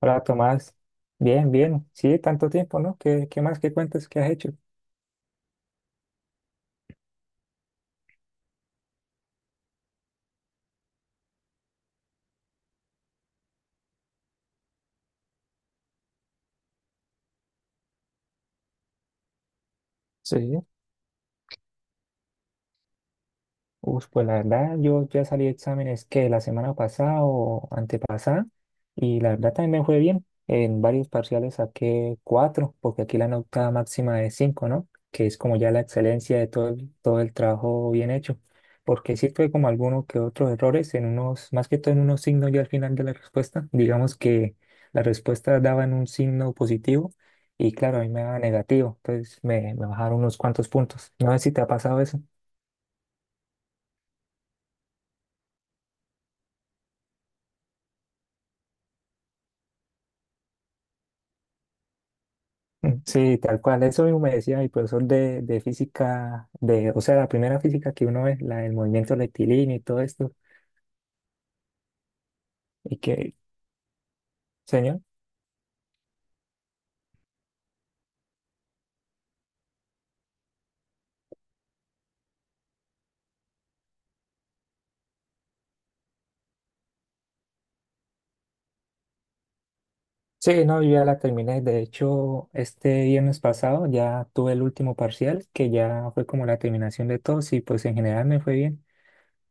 Hola Tomás, bien, bien, sí, tanto tiempo, ¿no? ¿Qué más que cuentas que has hecho? Sí. Uf, pues la verdad, yo ya salí de exámenes que la semana pasada o antepasada, y la verdad también me fue bien. En varios parciales saqué cuatro, porque aquí la nota máxima es cinco, ¿no? Que es como ya la excelencia de todo el trabajo bien hecho. Porque sí tuve como algunos que otros errores en unos, más que todo en unos signos ya al final de la respuesta. Digamos que la respuesta daba en un signo positivo, y claro, a mí me daba negativo, entonces me bajaron unos cuantos puntos. No sé si te ha pasado eso. Sí, tal cual. Eso mismo me decía mi profesor de física, de, o sea, la primera física que uno ve, la del movimiento rectilíneo y todo esto. Y que, señor, sí, no, yo ya la terminé. De hecho, este viernes pasado ya tuve el último parcial, que ya fue como la terminación de todos y pues en general me fue bien.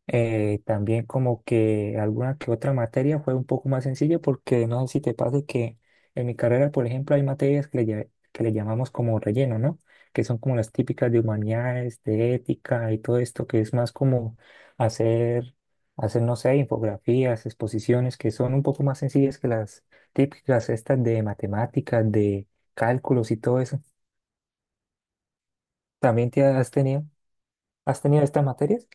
También como que alguna que otra materia fue un poco más sencilla porque no sé si te pasa que en mi carrera, por ejemplo, hay materias que le llamamos como relleno, ¿no? Que son como las típicas de humanidades, de ética y todo esto, que es más como hacer, hacer, no sé, infografías, exposiciones, que son un poco más sencillas que las típicas estas de matemáticas, de cálculos y todo eso. ¿También te has tenido estas materias?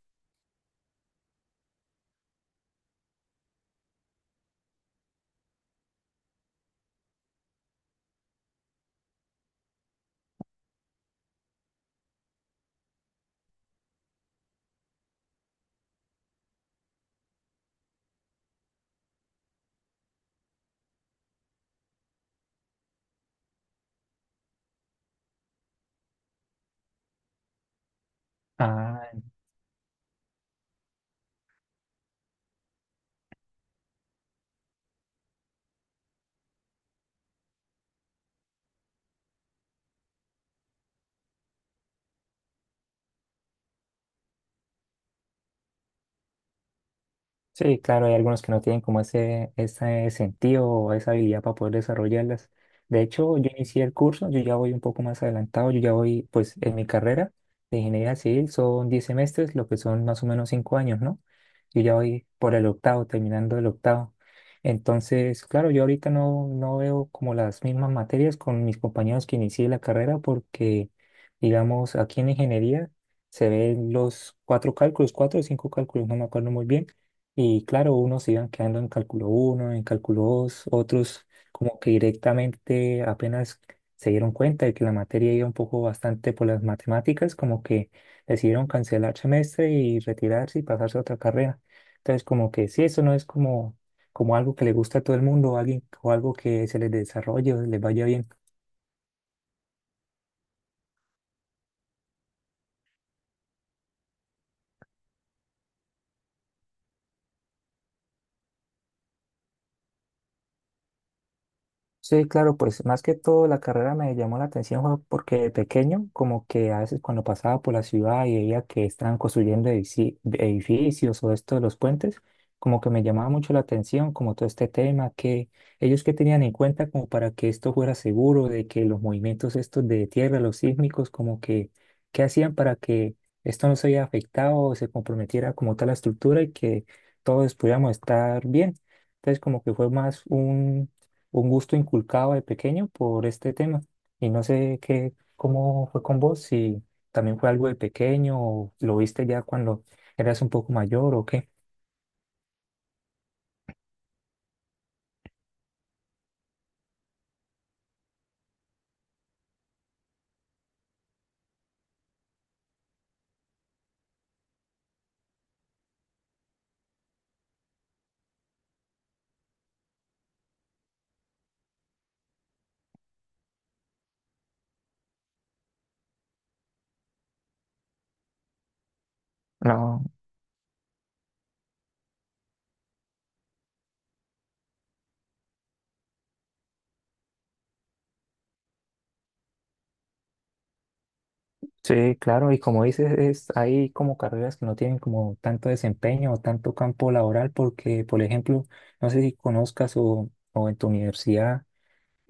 Ah, sí, claro, hay algunos que no tienen como ese sentido o esa habilidad para poder desarrollarlas. De hecho, yo inicié el curso, yo ya voy un poco más adelantado, yo ya voy, pues en mi carrera de ingeniería civil son 10 semestres, lo que son más o menos 5 años, ¿no? Yo ya voy por el octavo, terminando el octavo. Entonces, claro, yo ahorita no veo como las mismas materias con mis compañeros que inicié la carrera porque, digamos, aquí en ingeniería se ven los cuatro cálculos, cuatro o cinco cálculos, no me acuerdo muy bien y claro, unos iban quedando en cálculo uno en cálculo 2 otros como que directamente apenas se dieron cuenta de que la materia iba un poco bastante por las matemáticas, como que decidieron cancelar semestre y retirarse y pasarse a otra carrera. Entonces, como que sí, eso no es como, como algo que le gusta a todo el mundo, o alguien, o algo que se les desarrolle o les vaya bien. Sí, claro, pues más que todo la carrera me llamó la atención fue porque de pequeño, como que a veces cuando pasaba por la ciudad y veía que estaban construyendo edificios o esto de los puentes, como que me llamaba mucho la atención, como todo este tema, que ellos que tenían en cuenta como para que esto fuera seguro, de que los movimientos estos de tierra, los sísmicos, como que, ¿qué hacían para que esto no se haya afectado o se comprometiera como tal la estructura y que todos pudiéramos estar bien? Entonces como que fue más un gusto inculcado de pequeño por este tema. Y no sé qué, cómo fue con vos, si también fue algo de pequeño o lo viste ya cuando eras un poco mayor o qué. No, sí, claro, y como dices, es, hay como carreras que no tienen como tanto desempeño o tanto campo laboral porque, por ejemplo, no sé si conozcas o en tu universidad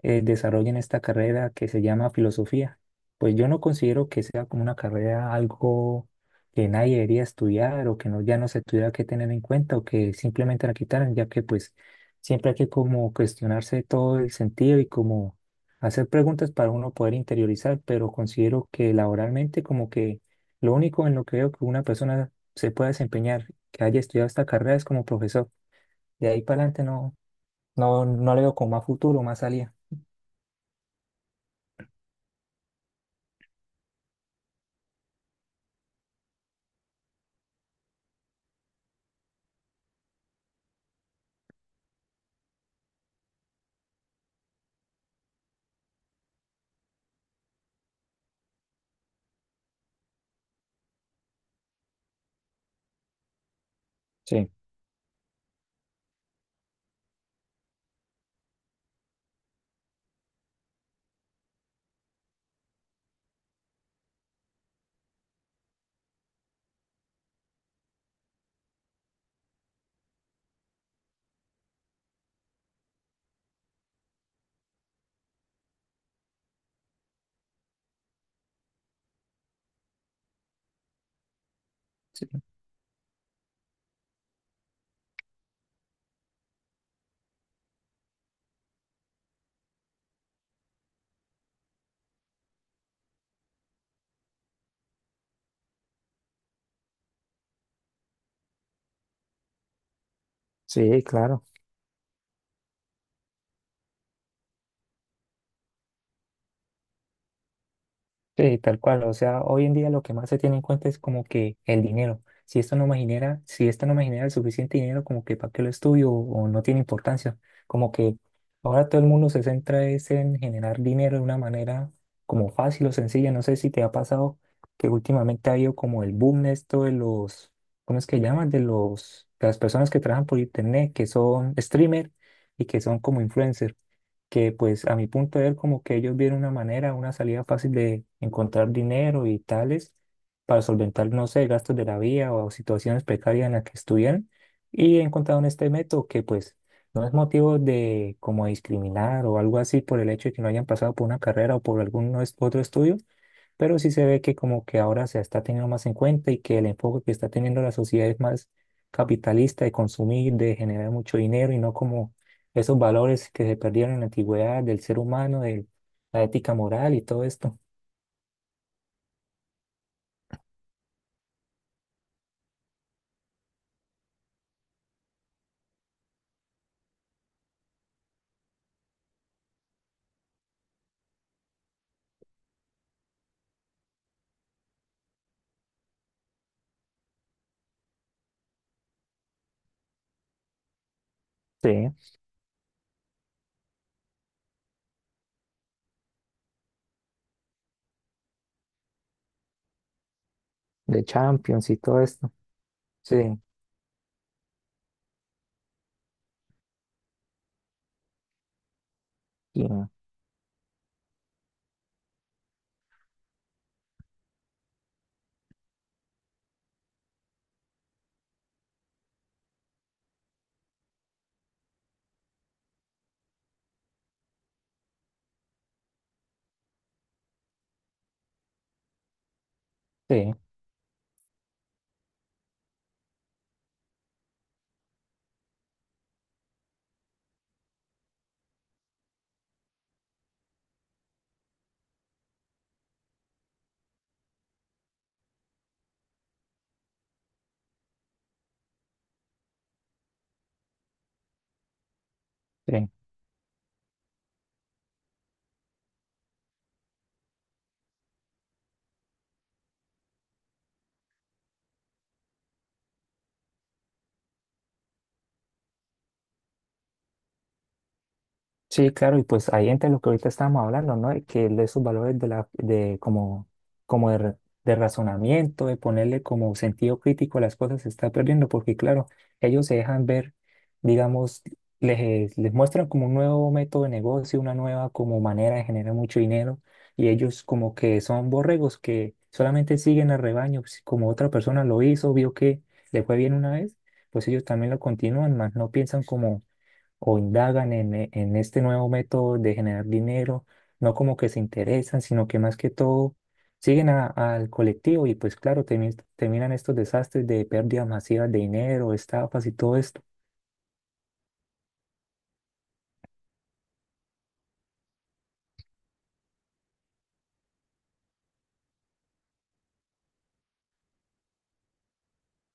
desarrollen esta carrera que se llama filosofía. Pues yo no considero que sea como una carrera algo que nadie debería estudiar o que no, ya no se tuviera que tener en cuenta o que simplemente la quitaran, ya que pues siempre hay que como cuestionarse todo el sentido y como hacer preguntas para uno poder interiorizar, pero considero que laboralmente como que lo único en lo que veo que una persona se pueda desempeñar, que haya estudiado esta carrera es como profesor. De ahí para adelante no le veo como más futuro, más salida. Sí. Sí, claro, sí, tal cual. O sea, hoy en día lo que más se tiene en cuenta es como que el dinero. Si esto no me genera el suficiente dinero, como que para qué lo estudio o no tiene importancia. Como que ahora todo el mundo se centra es en generar dinero de una manera como fácil o sencilla. No sé si te ha pasado que últimamente ha habido como el boom de esto de los, ¿cómo es que llaman? De las personas que trabajan por internet, que son streamer y que son como influencer. Que pues a mi punto de ver como que ellos vieron una manera, una salida fácil de encontrar dinero y tales para solventar, no sé, gastos de la vía o situaciones precarias en las que estuvieran y encontraron este método que pues no es motivo de como discriminar o algo así por el hecho de que no hayan pasado por una carrera o por algún no es- otro estudio, pero sí se ve que como que ahora se está teniendo más en cuenta y que el enfoque que está teniendo la sociedad es más capitalista de consumir, de generar mucho dinero y no como esos valores que se perdieron en la antigüedad del ser humano, de la ética moral y todo esto. Sí, de Champions y todo esto. Sí, y- sí, sí. Sí, claro, y pues ahí entra lo que ahorita estábamos hablando, ¿no? De que de esos valores de la, de como, como de, ra- de razonamiento, de ponerle como sentido crítico a las cosas, se está perdiendo, porque claro, ellos se dejan ver, digamos, les muestran como un nuevo método de negocio, una nueva como manera de generar mucho dinero, y ellos como que son borregos que solamente siguen al rebaño, pues, como otra persona lo hizo, vio que le fue bien una vez, pues ellos también lo continúan, más no piensan como o indagan en este nuevo método de generar dinero, no como que se interesan, sino que más que todo siguen al colectivo y pues claro, terminan estos desastres de pérdidas masivas de dinero, estafas y todo esto.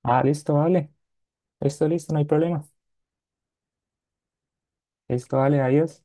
Ah, listo, vale. Esto listo, no hay problema. Esto vale, adiós.